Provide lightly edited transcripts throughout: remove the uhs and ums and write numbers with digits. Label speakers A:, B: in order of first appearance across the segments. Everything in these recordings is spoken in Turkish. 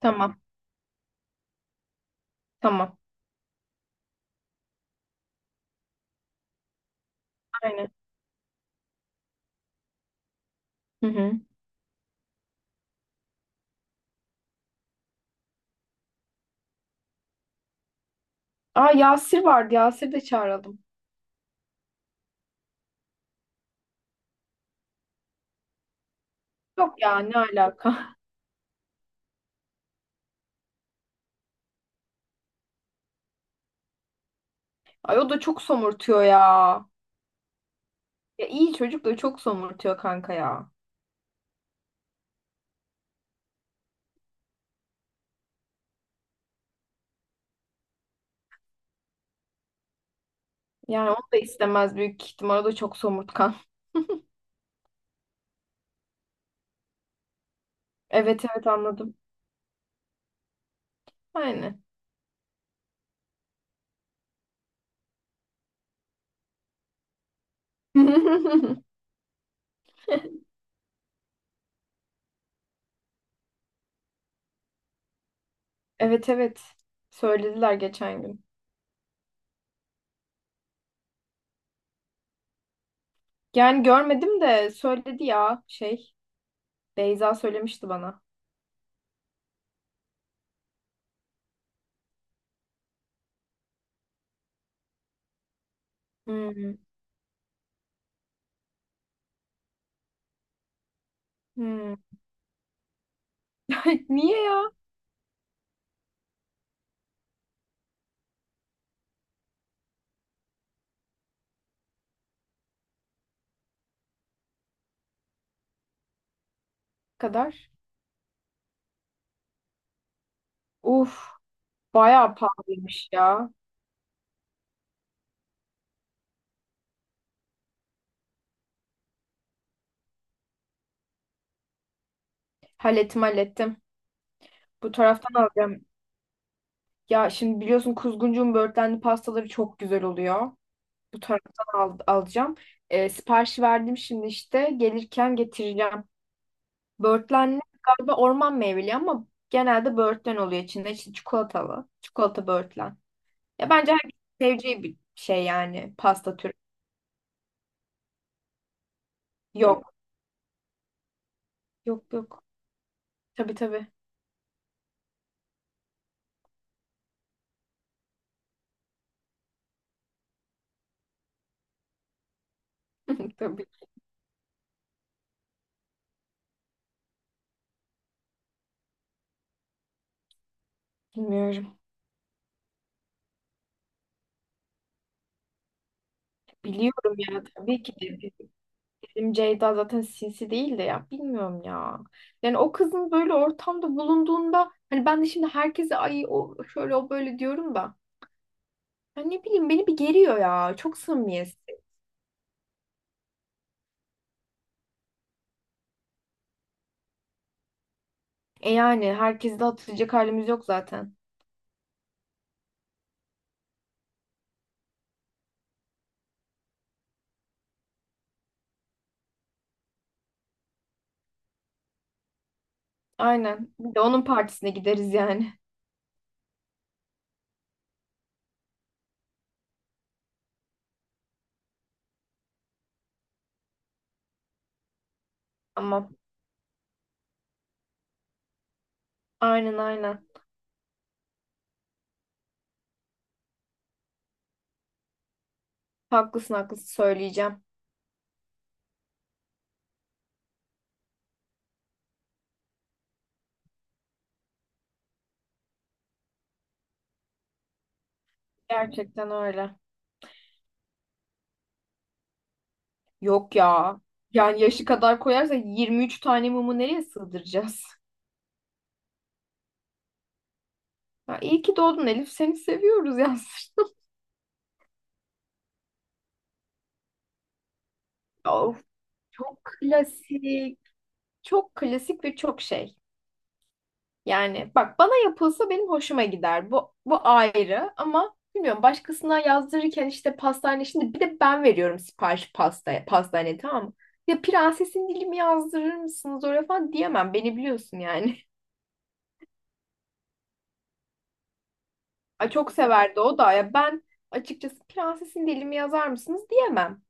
A: Tamam. Tamam. Aynen. Hı hı. Aa Yasir vardı. Yasir de çağıralım. Yok ya ne alaka. Ay o da çok somurtuyor ya. Ya iyi çocuk da çok somurtuyor kanka ya. Yani onu da istemez büyük ihtimal. O da çok somurtkan. Evet evet anladım. Aynen. Evet evet. Söylediler geçen gün. Yani görmedim de söyledi ya şey. Beyza söylemişti bana. Hmm, hmm. Niye ya? Bu kadar. Uf, bayağı pahalıymış ya. Hallettim hallettim. Bu taraftan alacağım. Ya şimdi biliyorsun kuzguncuğun böğürtlenli pastaları çok güzel oluyor. Bu taraftan alacağım. Siparişi verdim şimdi işte. Gelirken getireceğim. Böğürtlenli galiba orman meyveli ama genelde böğürtlen oluyor içinde. İşte çikolatalı. Çikolata böğürtlen. Ya bence herkes seveceği bir şey yani pasta türü. Yok. Yok yok. Tabii tabii. Tabii. Bilmiyorum. Biliyorum ya tabii ki. De. Bizim Ceyda zaten sinsi değil de ya bilmiyorum ya. Yani o kızın böyle ortamda bulunduğunda hani ben de şimdi herkese ay o şöyle o böyle diyorum da. Ya ne bileyim beni bir geriyor ya. Çok samimiyetsiz. E yani herkesi de hatırlayacak halimiz yok zaten. Aynen. Bir de onun partisine gideriz yani. Ama aynen aynen. Haklısın haklısın söyleyeceğim. Gerçekten öyle. Yok ya. Yani yaşı kadar koyarsa 23 tane mumu nereye sığdıracağız? Ya iyi ki doğdun Elif. Seni seviyoruz ya. Of. Çok klasik, çok klasik ve çok şey. Yani bak bana yapılsa benim hoşuma gider. Bu ayrı ama bilmiyorum başkasına yazdırırken işte pastane şimdi bir de ben veriyorum sipariş pasta pastaneye tamam mı? Ya prensesin dilimi yazdırır mısınız oraya falan diyemem. Beni biliyorsun yani. Ay çok severdi o da ya ben açıkçası prensesin dilimi yazar mısınız diyemem.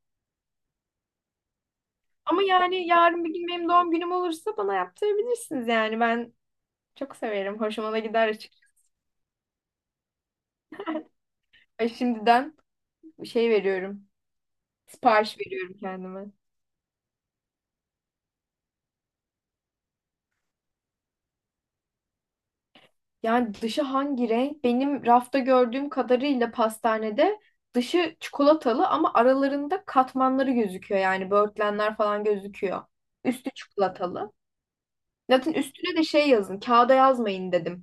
A: Ama yani yarın bir gün benim doğum günüm olursa bana yaptırabilirsiniz yani ben çok severim. Hoşuma da gider açıkçası. Ay şimdiden şey veriyorum. Sipariş veriyorum kendime. Yani dışı hangi renk? Benim rafta gördüğüm kadarıyla pastanede dışı çikolatalı ama aralarında katmanları gözüküyor. Yani böğürtlenler falan gözüküyor. Üstü çikolatalı. Zaten üstüne de şey yazın. Kağıda yazmayın dedim.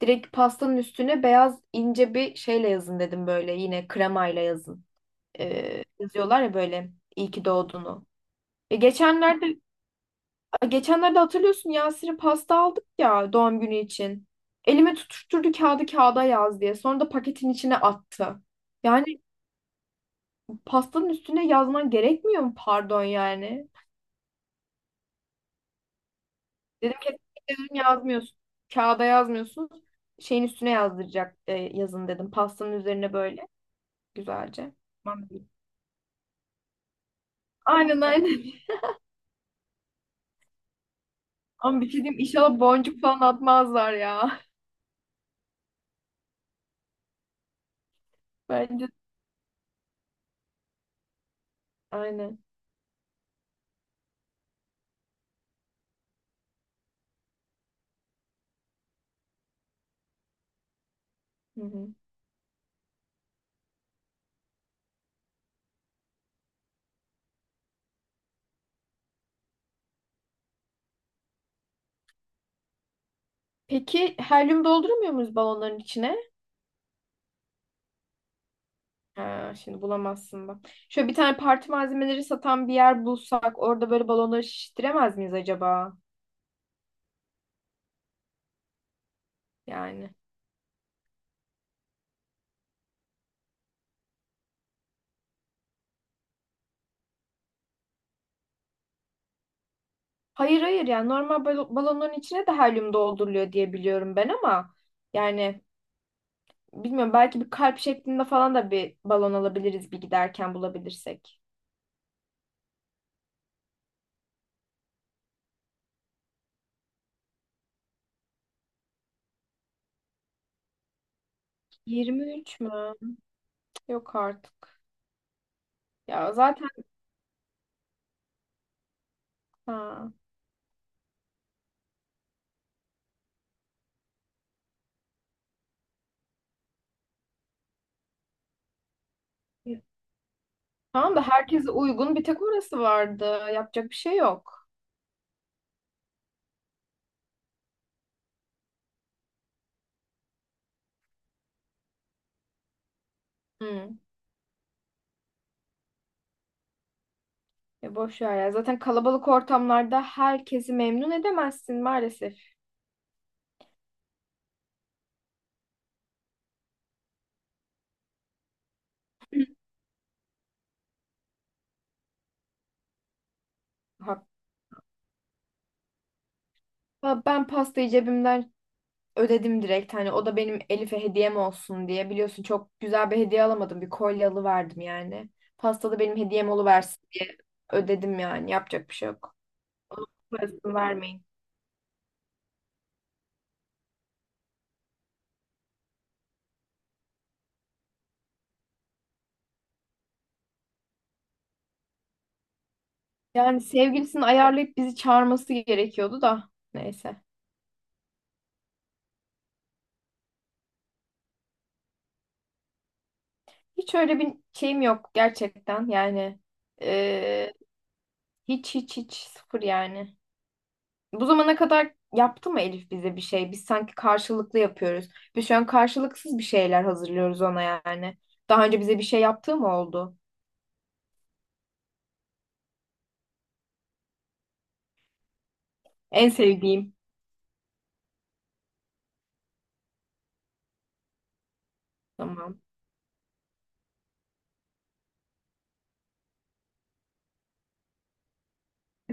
A: Direkt pastanın üstüne beyaz ince bir şeyle yazın dedim böyle. Yine kremayla yazın. Yazıyorlar ya böyle iyi ki doğdunu. E, geçenlerde Geçenlerde hatırlıyorsun Yasir'e pasta aldık ya doğum günü için. Elime tutuşturdu kağıdı kağıda yaz diye. Sonra da paketin içine attı. Yani pastanın üstüne yazman gerekmiyor mu pardon yani? Dedim kesinlikle dedim yazmıyorsun. Kağıda yazmıyorsun. Şeyin üstüne yazdıracak yazın dedim. Pastanın üzerine böyle güzelce. Tamam dedi. Aynen aynen. Ama bir şey diyeyim inşallah boncuk falan atmazlar ya. Bence aynen. Hı hı. Peki helyum dolduramıyor muyuz balonların içine? Ha, şimdi bulamazsın bak. Şöyle bir tane parti malzemeleri satan bir yer bulsak orada böyle balonları şiştiremez miyiz acaba? Yani. Hayır hayır yani normal balonların içine de helyum dolduruluyor diye biliyorum ben ama yani bilmiyorum belki bir kalp şeklinde falan da bir balon alabiliriz bir giderken bulabilirsek. 23 mü? Yok artık. Ya zaten ha. Tamam da herkese uygun bir tek orası vardı. Yapacak bir şey yok. Hmm. Ya boş ver ya. Zaten kalabalık ortamlarda herkesi memnun edemezsin maalesef. Hatta ben pastayı cebimden ödedim direkt. Hani o da benim Elif'e hediyem olsun diye. Biliyorsun çok güzel bir hediye alamadım. Bir kolye alıverdim yani. Pasta da benim hediyem oluversin diye ödedim yani. Yapacak bir şey yok. Onun parasını vermeyin. Yani sevgilisini ayarlayıp bizi çağırması gerekiyordu da. Neyse. Hiç öyle bir şeyim yok gerçekten. Yani eee, hiç hiç hiç sıfır yani. Bu zamana kadar yaptı mı Elif bize bir şey? Biz sanki karşılıklı yapıyoruz. Biz şu an karşılıksız bir şeyler hazırlıyoruz ona yani. Daha önce bize bir şey yaptığı mı oldu? En sevdiğim. Tamam.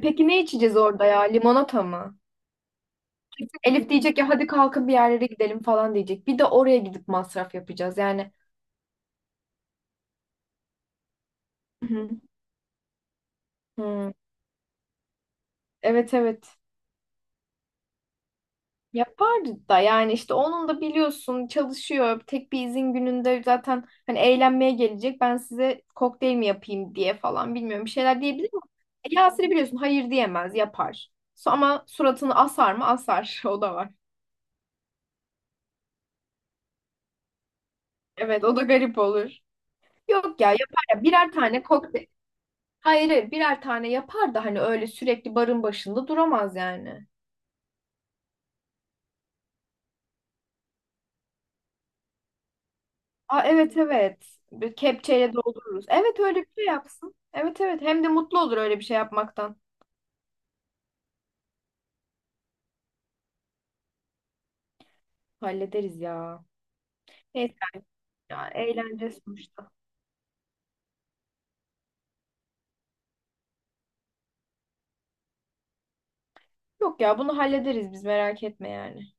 A: Peki ne içeceğiz orada ya? Limonata mı? Kesin Elif diyecek ya hadi kalkın bir yerlere gidelim falan diyecek. Bir de oraya gidip masraf yapacağız. Yani Hı hı. Hı. Evet evet. Yapardı da yani işte onun da biliyorsun çalışıyor. Tek bir izin gününde zaten hani eğlenmeye gelecek. Ben size kokteyl mi yapayım diye falan bilmiyorum bir şeyler diyebilir mi? E, Yasir'i biliyorsun hayır diyemez yapar. Ama suratını asar mı? Asar. O da var. Evet o da garip olur. Yok ya yapar ya birer tane kokteyl. Hayır hayır birer tane yapar da hani öyle sürekli barın başında duramaz yani. Aa evet evet. Bir kepçeyle doldururuz. Evet öyle bir şey yapsın. Evet evet hem de mutlu olur öyle bir şey yapmaktan. Hallederiz ya. Neyse ya eğlence sonuçta. Yok ya bunu hallederiz biz merak etme yani.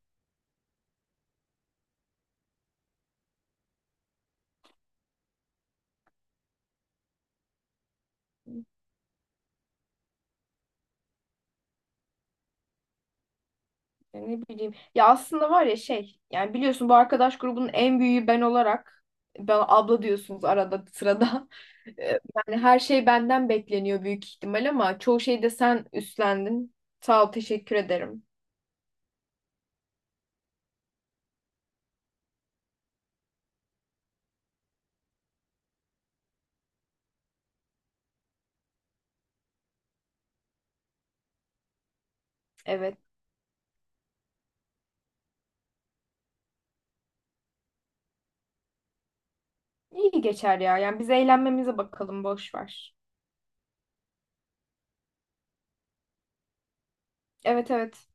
A: Ya ne bileyim. Ya aslında var ya şey yani biliyorsun bu arkadaş grubunun en büyüğü ben olarak ben abla diyorsunuz arada sırada. Ee, Yani her şey benden bekleniyor büyük ihtimal ama çoğu şeyde sen üstlendin. Sağ ol teşekkür ederim. Evet. İyi geçer ya. Yani biz eğlenmemize bakalım boş ver. Evet evet.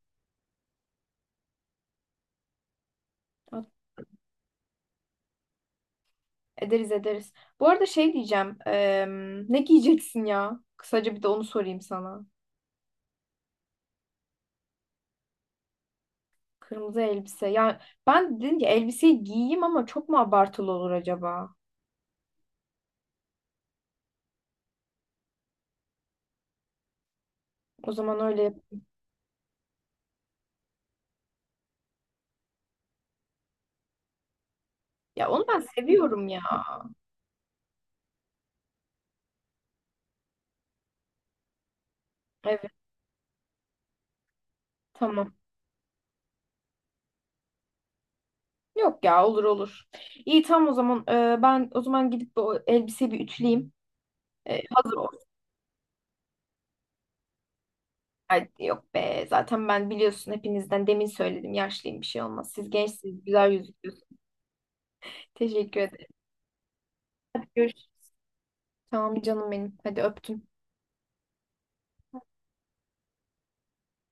A: Ederiz ederiz. Bu arada şey diyeceğim. Ne giyeceksin ya? Kısaca bir de onu sorayım sana. Kırmızı elbise. Ya ben dedim ki elbiseyi giyeyim ama çok mu abartılı olur acaba? O zaman öyle. Ya onu ben seviyorum ya. Evet tamam. Yok ya olur olur. İyi tamam o zaman. Ben o zaman gidip bu elbiseyi bir ütüleyeyim. Hazır olsun. Ay, yok be zaten ben biliyorsun hepinizden demin söyledim. Yaşlıyım bir şey olmaz. Siz gençsiniz güzel gözüküyorsunuz. Teşekkür ederim. Hadi görüşürüz. Tamam canım benim. Hadi öptüm.